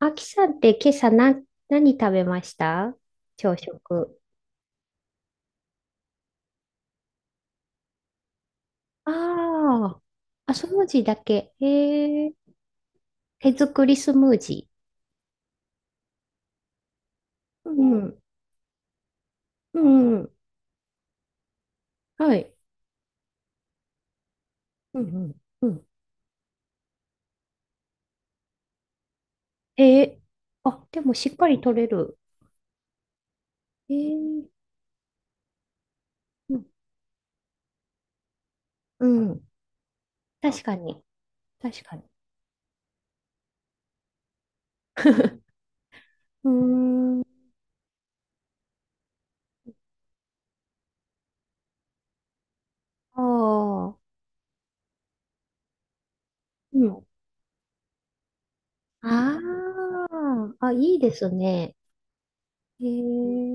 あきさんって今朝な、何食べました朝食。ああ、あ、スムージーだけ。へえ、手作りスムージー。うん、うん、うんはい。うん、うん、うん。ええ、あ、でもしっかり取れる。ええ、うん、うん。確かに、確かに。うーん、ああ、うん。ああ、あ、いいですね。ええ、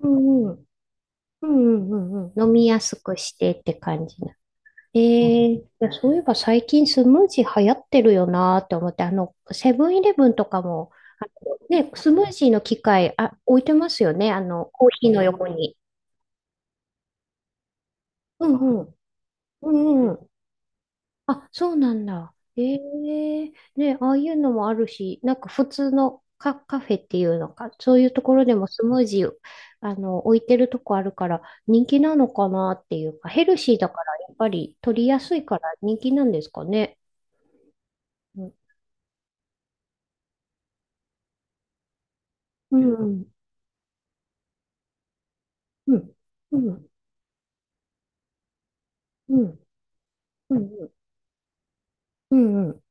うん、うん、うん、うん、うん。うん飲みやすくしてって感じえいや、そういえば最近スムージー流行ってるよなーって思って、セブンイレブンとかも、あのね、スムージーの機械、あ、置いてますよね、あの、コーヒーの横に。うんうん。うんうん。あ、そうなんだ。ええね、ああいうのもあるし、なんか普通のカフェっていうのか、そういうところでもスムージー、置いてるとこあるから、人気なのかなっていうか、ヘルシーだから、やっぱり取りやすいから人気なんですかね。うん。うんうん、うん、うん、うん、うん、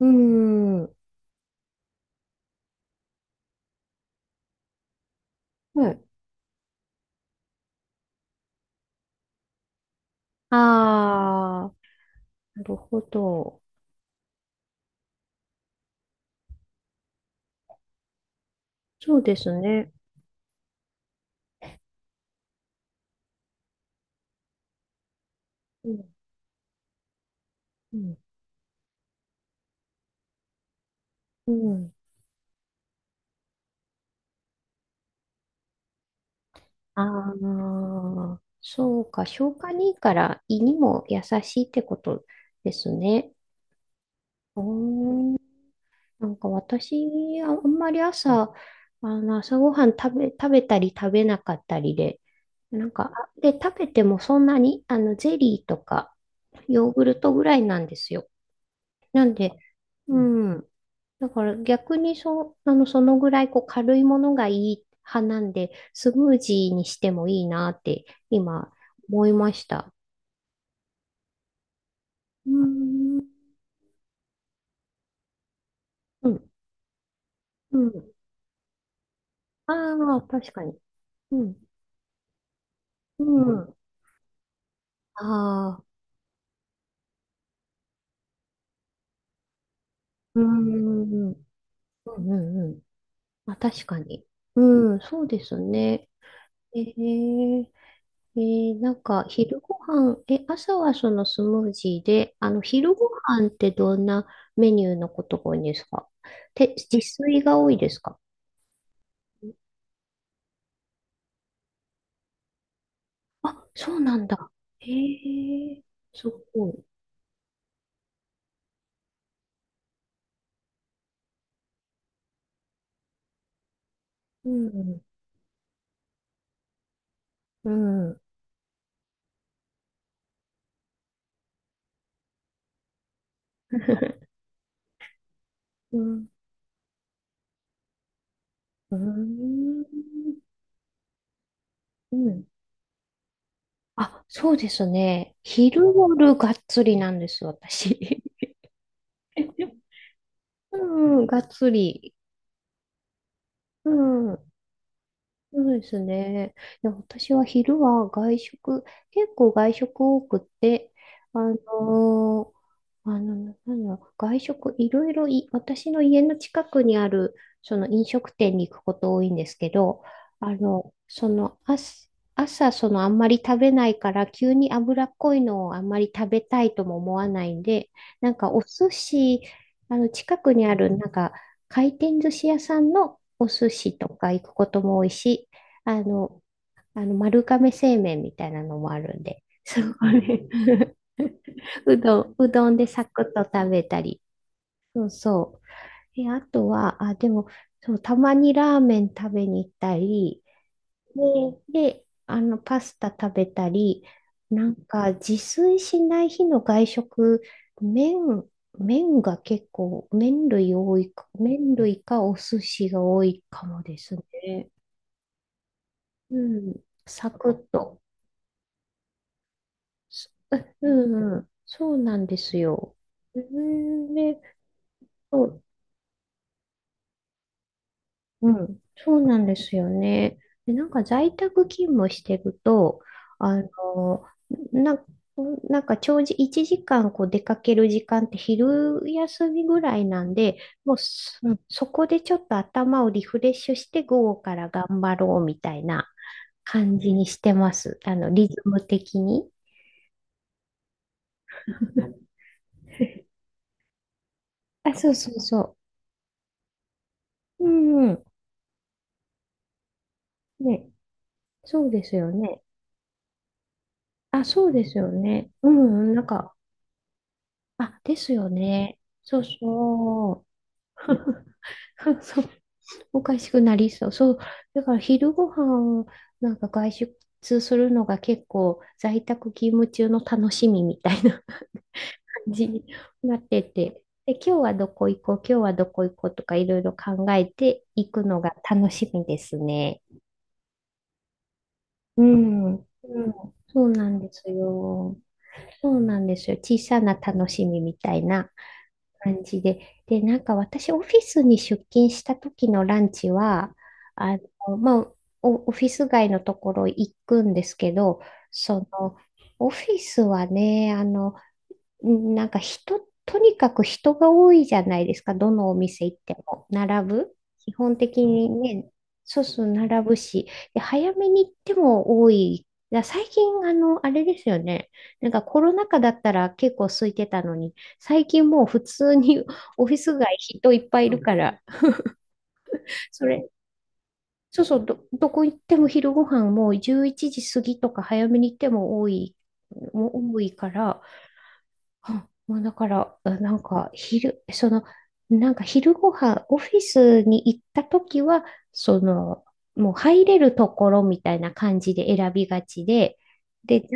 うん、うん、はい。ああ、なるほど。そうですね。うん、うん、うん。ああ、そうか。消化にいいから胃にも優しいってことですね。おー、なんか私、あんまり朝、朝ごはん食べたり食べなかったりで、なんか、食べてもそんなに、あの、ゼリーとか、ヨーグルトぐらいなんですよ。なんで、ううんん。だから逆にそ、あの、そのぐらいこう軽いものがいい派なんで、スムージーにしてもいいなって今思いました。うーん。うん。うん。ああ、確かに。うん。うん。ああ、うーん。うんうんうん。まあ、確かに。うん、そうですね。ええなんか、昼ご飯、え、朝はそのスムージーで、あの、昼ご飯ってどんなメニューのことが多いんですか？て、自炊が多いですか？そうなんだ。へえ、すごい。うん、うん、うん、うん、うん。あ、そうですね。昼夜がっつりなんです、私。うん、がっつり。うん。そうですね。いや、私は昼は外食、結構外食多くて、あのーあの、なんだろう、外食いろいろい、私の家の近くにある、その飲食店に行くこと多いんですけど、あの、その、朝、そのあんまり食べないから、急に脂っこいのをあんまり食べたいとも思わないんで、なんかお寿司、あの、近くにある、なんか、回転寿司屋さんのお寿司とか行くことも多いし、あの、あの丸亀製麺みたいなのもあるんで、そこで うどんでサクッと食べたり。そうそう。え、あとは、あ、でも、そう、たまにラーメン食べに行ったり、で、あの、パスタ食べたり、なんか、自炊しない日の外食、麺、麺が結構、麺類多いか、麺類かお寿司が多いかもですね。うん、サクッと。すうんうん、そうなんですよ。うんで、そう、うん、そうなんですよね。で、なんか在宅勤務してると、あの、な、なんか長時、1時間こう出かける時間って昼休みぐらいなんで、もうそ、そこでちょっと頭をリフレッシュして午後から頑張ろうみたいな感じにしてます。あの、リズム的に。あ、そうそうそう。うんうん。ね、そうですよね。あ、そうですよね。うんうん、なんか、あ、ですよね。そうそう。そう、おかしくなりそう。そう。だから昼ご飯なんか外出するのが結構在宅勤務中の楽しみみたいな 感じになってて。で、今日はどこ行こう、今日はどこ行こうとかいろいろ考えていくのが楽しみですね。うん。うん、そうなんですよ。そうなんですよ。小さな楽しみみたいな感じで。で、なんか私、オフィスに出勤した時のランチは、あの、まあ、おオフィス街のところ行くんですけど、その、オフィスはね、あの、なんか人、とにかく人が多いじゃないですか、どのお店行っても。並ぶ。基本的にね、そうそう、並ぶし。で、早めに行っても多い。だ最近、あの、あれですよね。なんかコロナ禍だったら結構空いてたのに、最近もう普通に オフィス街人いっぱいいるから、それ、そうそう、どこ行っても昼ご飯もう11時過ぎとか早めに行っても多い、もう多いから、あなんか昼、その、なんか昼ご飯、オフィスに行った時は、その、もう入れるところみたいな感じで選びがちで、で、ざ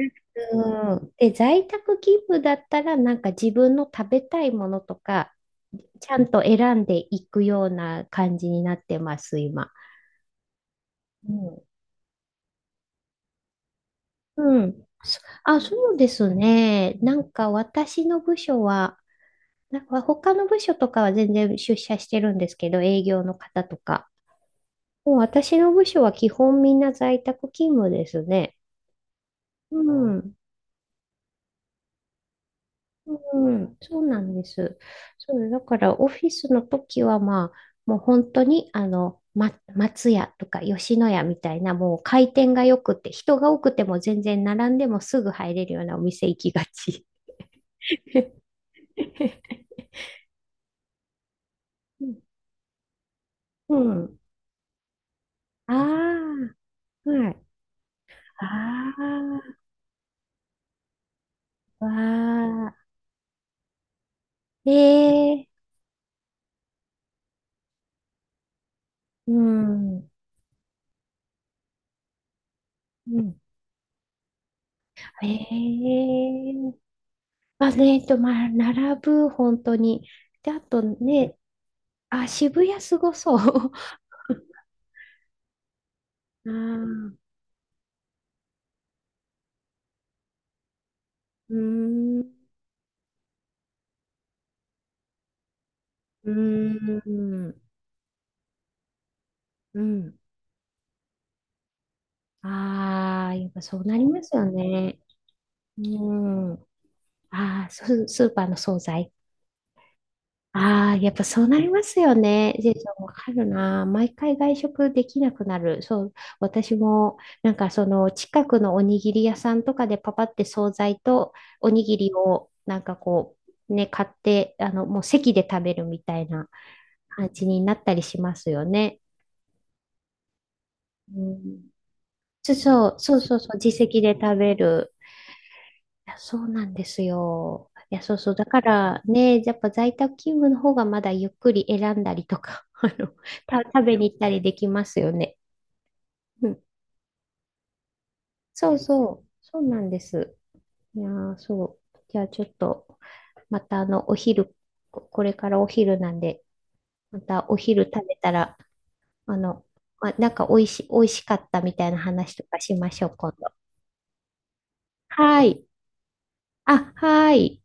うんで、在宅勤務だったら、なんか自分の食べたいものとか、ちゃんと選んでいくような感じになってます、今。うん。うん。そうですね。なんか私の部署は、なんか他の部署とかは全然出社してるんですけど、営業の方とか。もう私の部署は基本みんな在宅勤務ですね。ううん。ん。うん。そうなんです。そう、だからオフィスの時はまあ、もう本当にあの、ま、松屋とか吉野家みたいなもう回転が良くて、人が多くても全然並んでもすぐ入れるようなお店行きがち。うん。うんああ、はい。ああ、わあ。ええうん。うん。ええまあね、えっと、まあ、並ぶ、本当に。で、あとね、あ、渋谷すごそう。ああ、うーん、うーん、うん。ああ、やっぱそうなりますよね。うん。ああ、スーパーの惣菜。ああ、やっぱそうなりますよね。ジェイさんわかるな。毎回外食できなくなる。そう、私も、なんかその近くのおにぎり屋さんとかでパパって惣菜とおにぎりをなんかこう、ね、買って、あの、もう席で食べるみたいな感じになったりしますよね。うん、そうそう、そうそうそう、自席で食べる。いや、そうなんですよ。いや、そうそう。だからね、やっぱ在宅勤務の方がまだゆっくり選んだりとか、あの、食べに行ったりできますよね。うん。そうそう。そうなんです。いやー、そう。じゃあちょっと、またあの、お昼、これからお昼なんで、またお昼食べたら、あの、ま、おいしかったみたいな話とかしましょう、今度。はい。あ、はい。